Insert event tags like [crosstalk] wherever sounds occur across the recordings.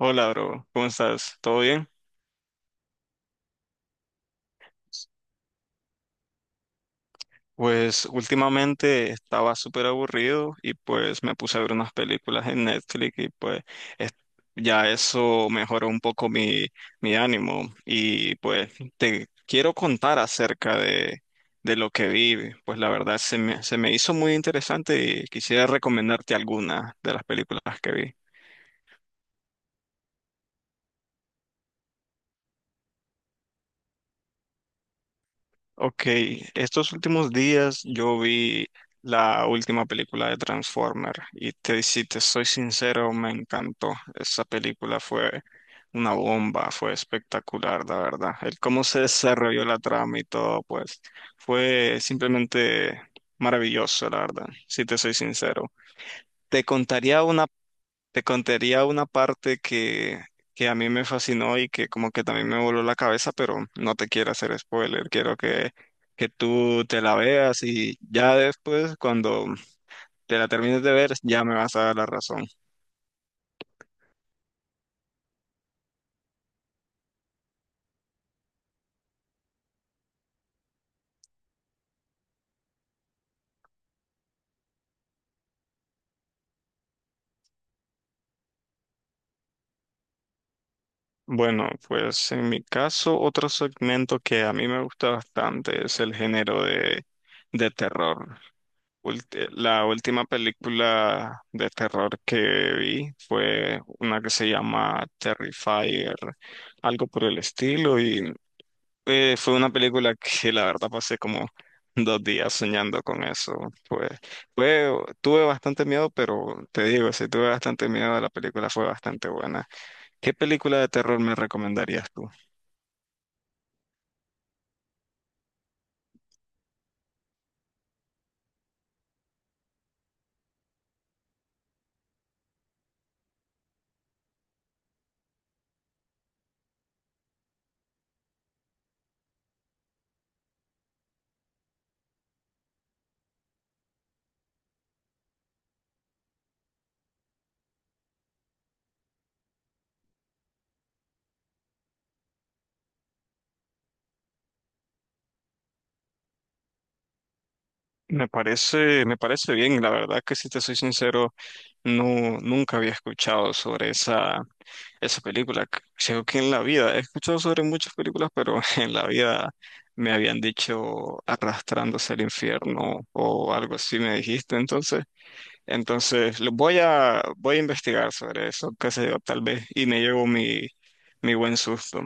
Hola, bro. ¿Cómo estás? ¿Todo bien? Pues últimamente estaba súper aburrido y pues me puse a ver unas películas en Netflix y es- ya eso mejoró un poco mi ánimo y pues te quiero contar acerca de lo que vi. Pues la verdad se me hizo muy interesante y quisiera recomendarte algunas de las películas que vi. Ok, estos últimos días yo vi la última película de Transformer si te soy sincero, me encantó. Esa película fue una bomba, fue espectacular, la verdad. El cómo se desarrolló la trama y todo, pues fue simplemente maravilloso, la verdad, si te soy sincero. Te contaría una Te contaría una parte que a mí me fascinó y que como que también me voló la cabeza, pero no te quiero hacer spoiler, quiero que tú te la veas y ya después, cuando te la termines de ver, ya me vas a dar la razón. Bueno, pues en mi caso, otro segmento que a mí me gusta bastante es el género de terror. La última película de terror que vi fue una que se llama Terrifier, algo por el estilo, y fue una película que la verdad pasé como dos días soñando con eso. Pues, fue, tuve bastante miedo, pero te digo, si tuve bastante miedo, la película fue bastante buena. ¿Qué película de terror me recomendarías tú? Me parece bien, la verdad que si te soy sincero, no, nunca había escuchado sobre esa. Esa película, c- Creo que en la vida, he escuchado sobre muchas películas, pero [laughs] en la vida me habían dicho arrastrándose al infierno o algo así me dijiste, entonces, entonces lo voy a investigar sobre eso, qué sé yo, tal vez, y me llevo mi buen susto.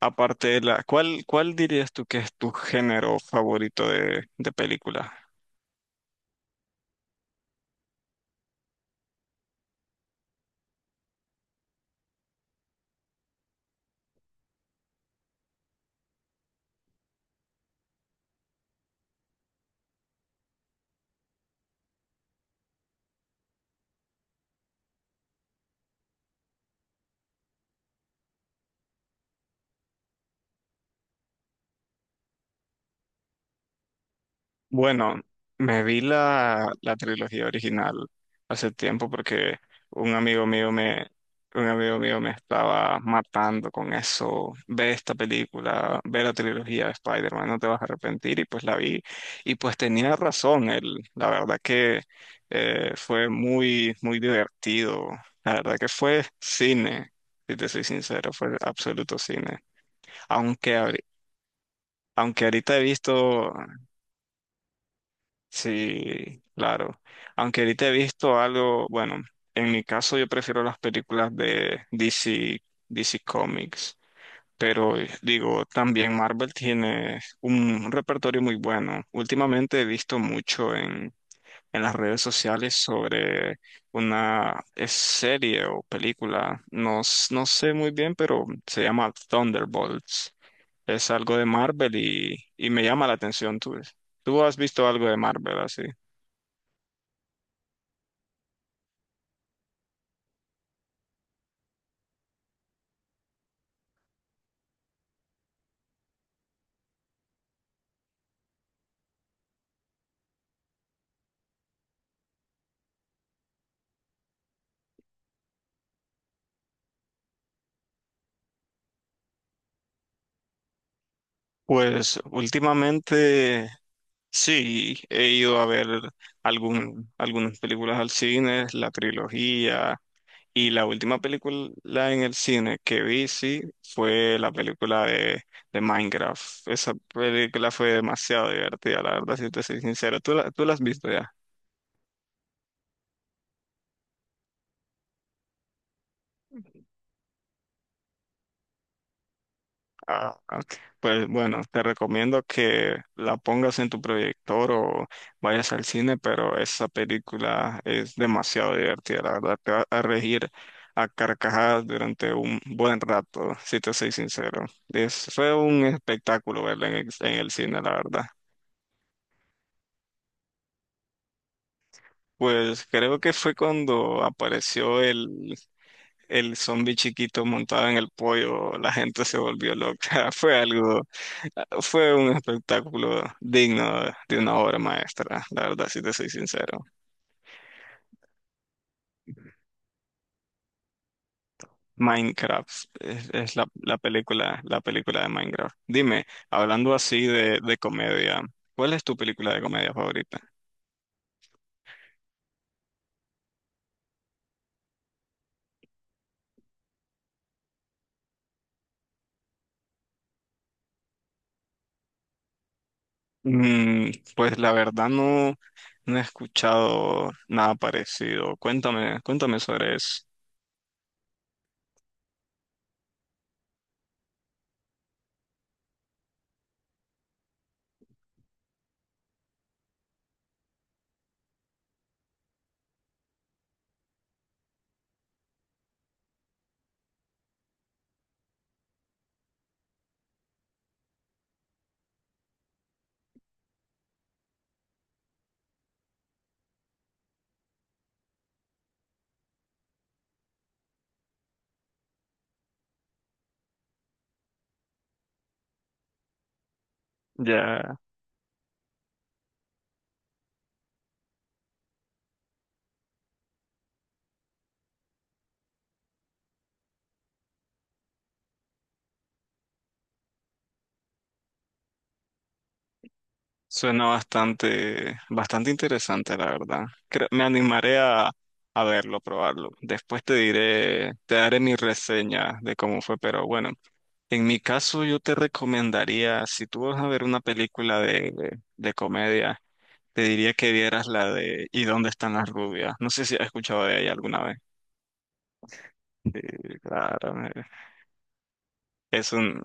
Aparte de la, ¿cuál dirías tú que es tu género favorito de película? Bueno, me vi la trilogía original hace tiempo porque un amigo mío me, un amigo mío me estaba matando con eso. Ve esta película, ve la trilogía de Spider-Man, no te vas a arrepentir. Y pues la vi y pues tenía razón. Él, la verdad que fue muy divertido. La verdad que fue cine, si te soy sincero, fue absoluto cine. Aunque, ahori- Aunque ahorita he visto. Sí, claro. Aunque ahorita he visto algo, bueno, en mi caso yo prefiero las películas de DC, DC Comics, pero digo, también Marvel tiene un repertorio muy bueno. Últimamente he visto mucho en las redes sociales sobre una serie o película, no sé muy bien, pero se llama Thunderbolts. Es algo de Marvel y me llama la atención. ¿Tú has visto algo de Marvel así? Pues últimamente sí, he ido a ver algunas películas al cine, la trilogía, y la última película en el cine que vi, sí, fue la película de Minecraft. Esa película fue demasiado divertida, la verdad, si te soy sincero. ¿Tú la has visto ya? Ah, ok. Pues bueno, te recomiendo que la pongas en tu proyector o vayas al cine, pero esa película es demasiado divertida, la verdad, te va a regir a carcajadas durante un buen rato, si te soy sincero. Es, fue un espectáculo verla en el cine, la verdad. Pues creo que fue cuando apareció el zombie chiquito montado en el pollo, la gente se volvió loca, [laughs] fue algo. Fue un espectáculo digno de una obra maestra, la verdad, si te soy sincero. Minecraft es la película, la película de Minecraft. Dime, hablando así de comedia, ¿cuál es tu película de comedia favorita? Mm, pues la verdad no, no he escuchado nada parecido. Cuéntame sobre eso. Ya. Suena bastante interesante, la verdad. Me animaré a verlo, probarlo. Después te diré, te daré mi reseña de cómo fue, pero bueno, en mi caso yo te recomendaría, si tú vas a ver una película de comedia, te diría que vieras la de ¿Y dónde están las rubias? No sé si has escuchado de ella alguna vez. Sí, claro. Eh, Es un,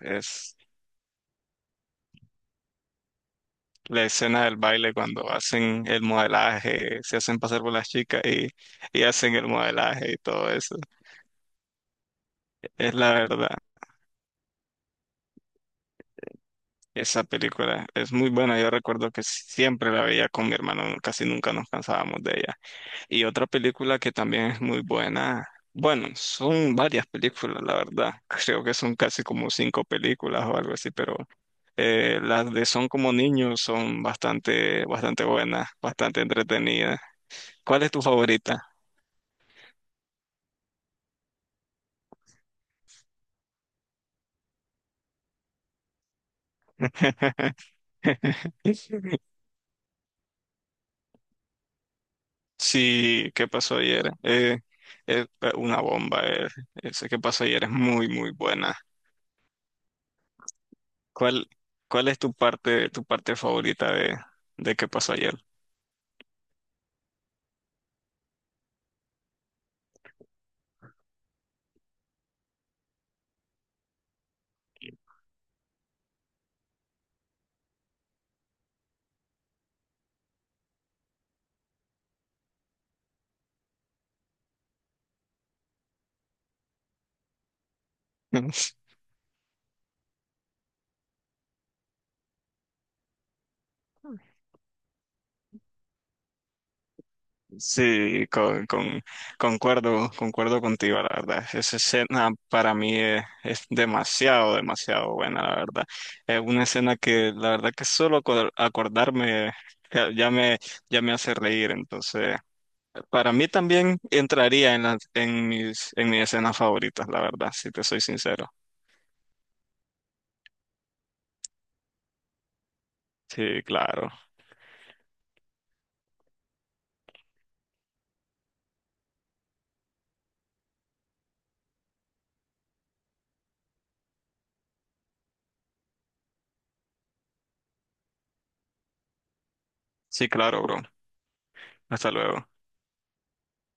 es la escena del baile cuando hacen el modelaje, se hacen pasar por las chicas y hacen el modelaje y todo eso. Es la verdad, esa película es muy buena. Yo recuerdo que siempre la veía con mi hermano, no casi nunca nos cansábamos de ella. Y otra película que también es muy buena. Bueno, son varias películas, la verdad. Creo que son casi como cinco películas o algo así, pero las de Son como niños son bastante buenas, bastante entretenidas. ¿Cuál es tu favorita? [laughs] [laughs] Sí, ¿qué pasó ayer? Es una bomba, eh. Ese que pasó ayer es muy buena. ¿Cuál, cuál es tu parte favorita de qué pasó ayer? [laughs] Sí, concuerdo, concuerdo contigo, la verdad. Esa escena para mí es demasiado, demasiado buena, la verdad. Es una escena que la verdad que solo acordarme ya, ya me, ya me hace reír. Entonces, para mí también entraría en en mis escenas favoritas, la verdad, si te soy sincero. Sí, claro. Sí, claro, bro. Hasta luego.